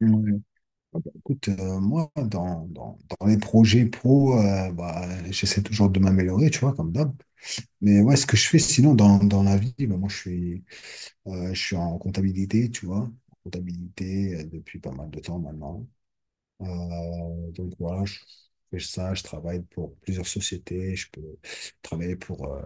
Ouais. Ah bah, écoute, moi, dans les projets pro, bah, j'essaie toujours de m'améliorer, tu vois, comme d'hab. Mais ouais, ce que je fais sinon dans la vie, bah, moi, je suis en comptabilité, tu vois, en comptabilité depuis pas mal de temps maintenant. Donc voilà, je fais ça, je travaille pour plusieurs sociétés, je peux travailler pour.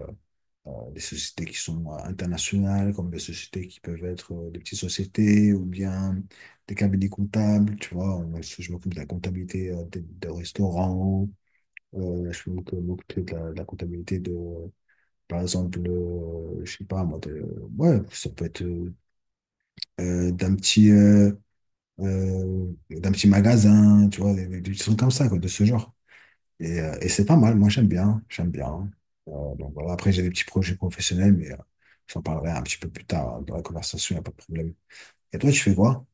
Des sociétés qui sont internationales, comme des sociétés qui peuvent être des petites sociétés ou bien des cabinets comptables, tu vois. Je m'occupe de la comptabilité des restaurants, je m'occupe de la comptabilité de, par exemple, le, je sais pas moi, de- ouais, ça peut être euh, d'un petit, euh, d'un petit magasin, tu vois, des trucs comme ça, quoi, de ce genre. Et c'est pas mal, moi j'aime bien, j'aime bien. Donc voilà, après j'ai des petits projets professionnels, mais j'en parlerai un petit peu plus tard hein, dans la conversation, il n'y a pas de problème. Et toi, tu fais quoi?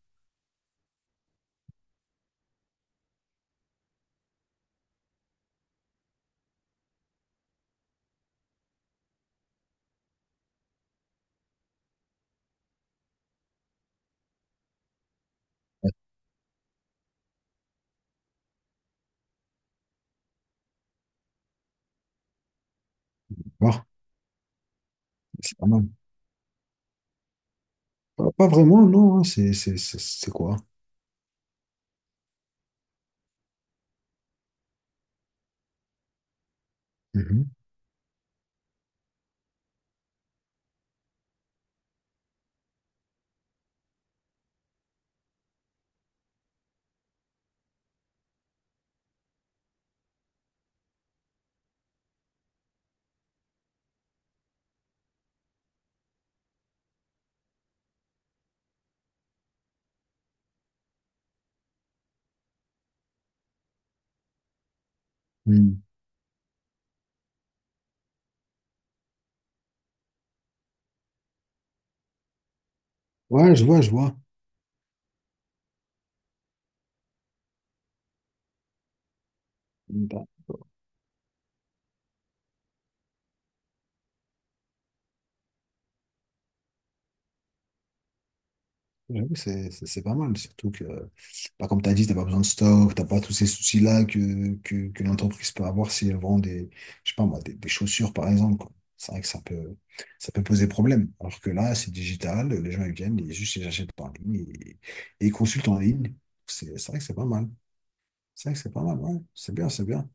Voir, c'est pas mal. Pas, pas vraiment, non, hein, c'est quoi? Mhm. Mm. Ouais, je vois, je vois. Bah, j'avoue, c'est pas mal, surtout que, bah, comme tu as dit, tu pas besoin de stock, tu pas tous ces soucis-là que l'entreprise peut avoir si elle vend des, je sais pas moi, des chaussures, par exemple, quoi. C'est vrai que ça peut poser problème. Alors que là, c'est digital, les gens ils viennent, ils juste ils achètent par ligne et ils consultent en ligne. C'est vrai que c'est pas mal. C'est vrai que c'est pas mal, ouais. C'est bien, c'est bien.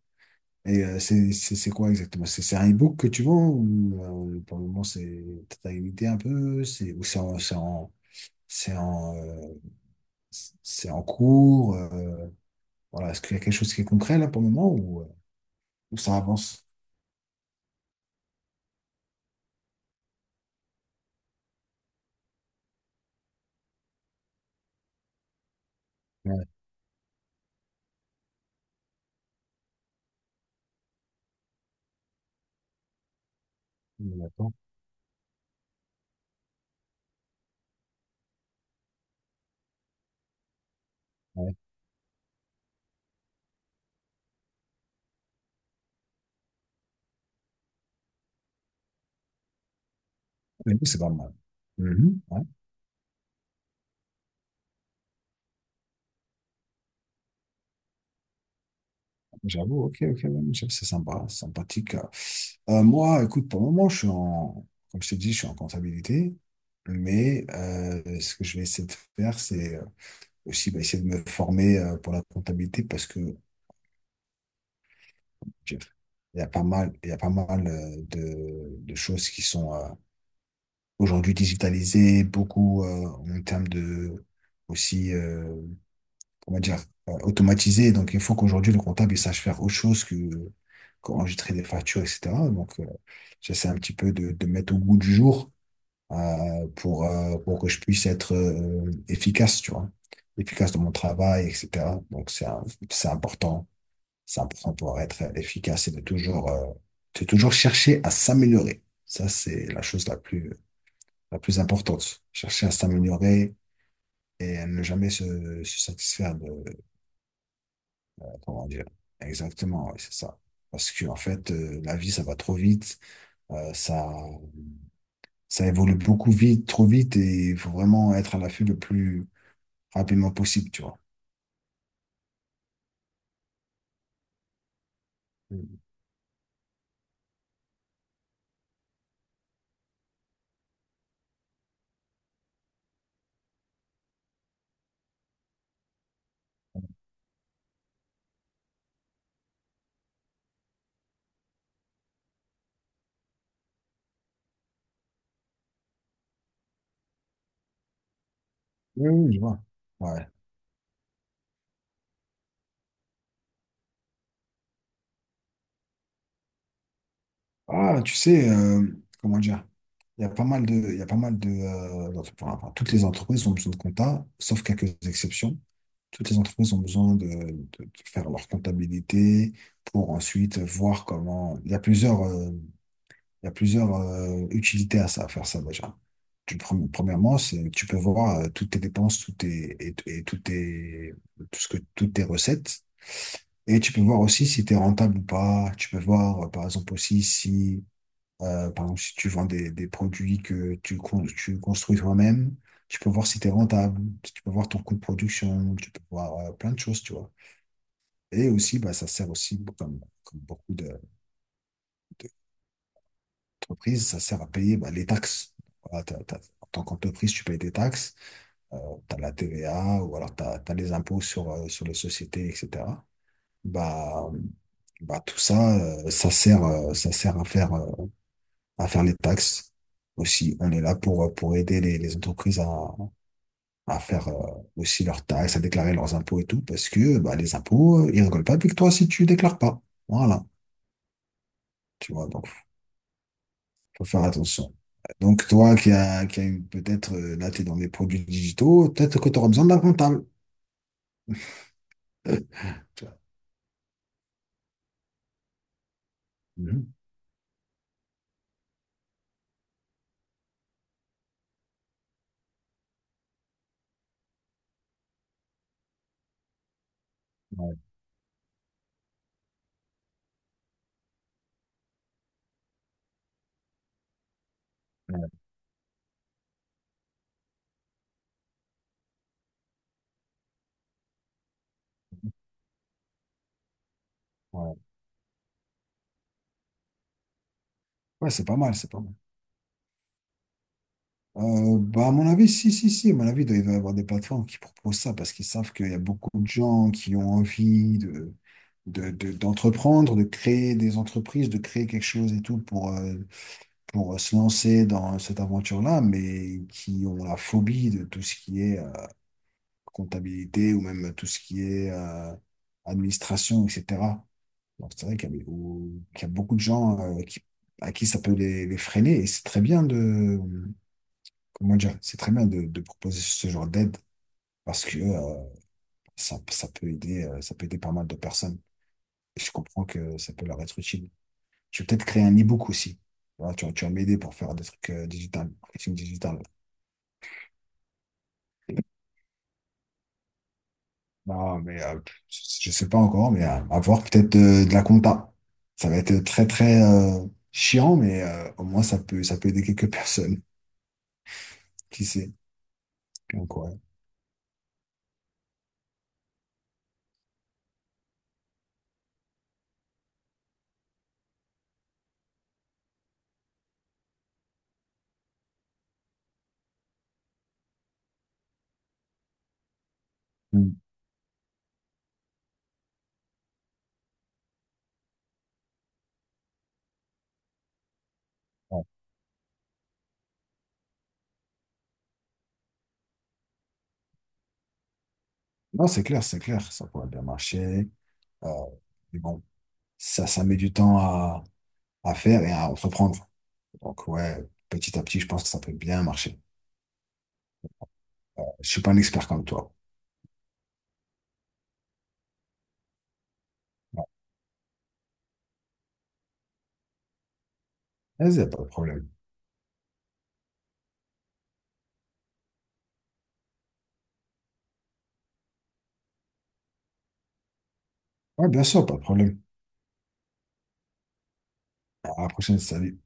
Et c'est quoi exactement? C'est un e-book que tu vends ou pour le moment, c'est, t'as une idée un peu, c'est, ou c'est en, c'est en, c'est en, c'est en cours. Voilà. Est-ce qu'il y a quelque chose qui est concret là pour le moment ou ça avance? Ouais, on attend. Ouais. Mais nous, c'est pas mal. Mhm. Ouais, j'avoue, ok, ok, ouais, mais c'est sympa, c'est sympathique. Moi, écoute, pour le moment, je suis en, comme je t'ai dit, je suis en comptabilité, mais ce que je vais essayer de faire, c'est aussi bah, essayer de me former pour la comptabilité parce que je- il y a pas mal, il y a pas mal de choses qui sont, aujourd'hui digitalisé, beaucoup en termes de aussi, comment dire, automatisé. Donc, il faut qu'aujourd'hui, le comptable, il sache faire autre chose que qu'enregistrer des factures, etc. Donc, j'essaie un petit peu de mettre au goût du jour pour que je puisse être efficace, tu vois, efficace dans mon travail, etc. Donc, c'est important. C'est important pour être efficace et de toujours chercher à s'améliorer. Ça, c'est la chose la plus importante. Chercher à s'améliorer et à ne jamais se, se satisfaire de, de- comment dire. Exactement, oui, c'est ça. Parce que en fait, la vie, ça va trop vite, euh, ça, ça évolue beaucoup vite, trop vite, et il faut vraiment être à l'affût le plus rapidement possible, tu vois. Mm. Oui, oui, je vois. Ouais. Ah, tu sais, comment dire? Il y a pas mal de, enfin, toutes les entreprises ont besoin de compta, sauf quelques exceptions. Toutes les entreprises ont besoin de, de faire leur comptabilité pour ensuite voir comment. Il y a plusieurs utilités à ça, à faire ça déjà. Premièrement, c'est tu peux voir toutes tes dépenses, et toutes tes, toutes tes recettes. Et tu peux voir aussi si tu es rentable ou pas. Tu peux voir, par exemple, aussi si, par exemple, si tu vends des produits que tu, tu construis toi-même. Tu peux voir si tu es rentable, tu peux voir ton coût de production, tu peux voir plein de choses, tu vois. Et aussi, bah, ça sert aussi, comme beaucoup d'entreprises, ça sert à payer bah, les taxes. Voilà, en tant qu'entreprise, tu payes des taxes, euh, tu as la TVA ou alors tu as, les impôts sur, sur les sociétés, etc. Bah, bah, tout ça, ça sert à faire les taxes aussi. On est là pour aider les entreprises à faire aussi leurs taxes, à déclarer leurs impôts et tout, parce que bah, les impôts, ils rigolent pas avec toi si tu déclares pas. Voilà. Tu vois, donc faut faire attention. Donc, toi qui a peut-être, là, tu es dans les produits digitaux, peut-être que tu auras besoin d'un comptable. Tu vois. Mhm. Ouais, ouais, ouais. Ouais, c'est pas mal, c'est pas mal. Bah, à mon avis, si, à mon avis, il doit y avoir des plateformes qui proposent ça parce qu'ils savent qu'il y a beaucoup de gens qui ont envie de, d'entreprendre, de créer des entreprises, de créer quelque chose et tout pour se lancer dans cette aventure-là, mais qui ont la phobie de tout ce qui est comptabilité ou même tout ce qui est administration, etc. Donc c'est vrai qu'il y a, qu'il y a beaucoup de gens qui, à qui ça peut les freiner et c'est très bien de, comment dire, c'est très bien de proposer ce genre d'aide parce que ça, ça peut aider pas mal de personnes. Et je comprends que ça peut leur être utile. Je vais peut-être créer un e-book aussi. Voilà, tu, tu vas m'aider pour faire des trucs digital, marketing digital. Non, mais je sais pas encore, mais à voir peut-être de, la compta. Ça va être très très chiant, mais au moins ça peut aider quelques personnes. Qui sait? Donc ouais. Mm. Ouais. Non, c'est clair, ça pourrait bien marcher. Euh, mais bon, ça met du temps à faire et à entreprendre. Donc ouais, petit à petit, je pense que ça peut bien marcher. Je suis pas un expert comme toi. Ouais. Vas-y, y a pas de problème. Ouais, bien sûr, pas de problème. À la prochaine, salut.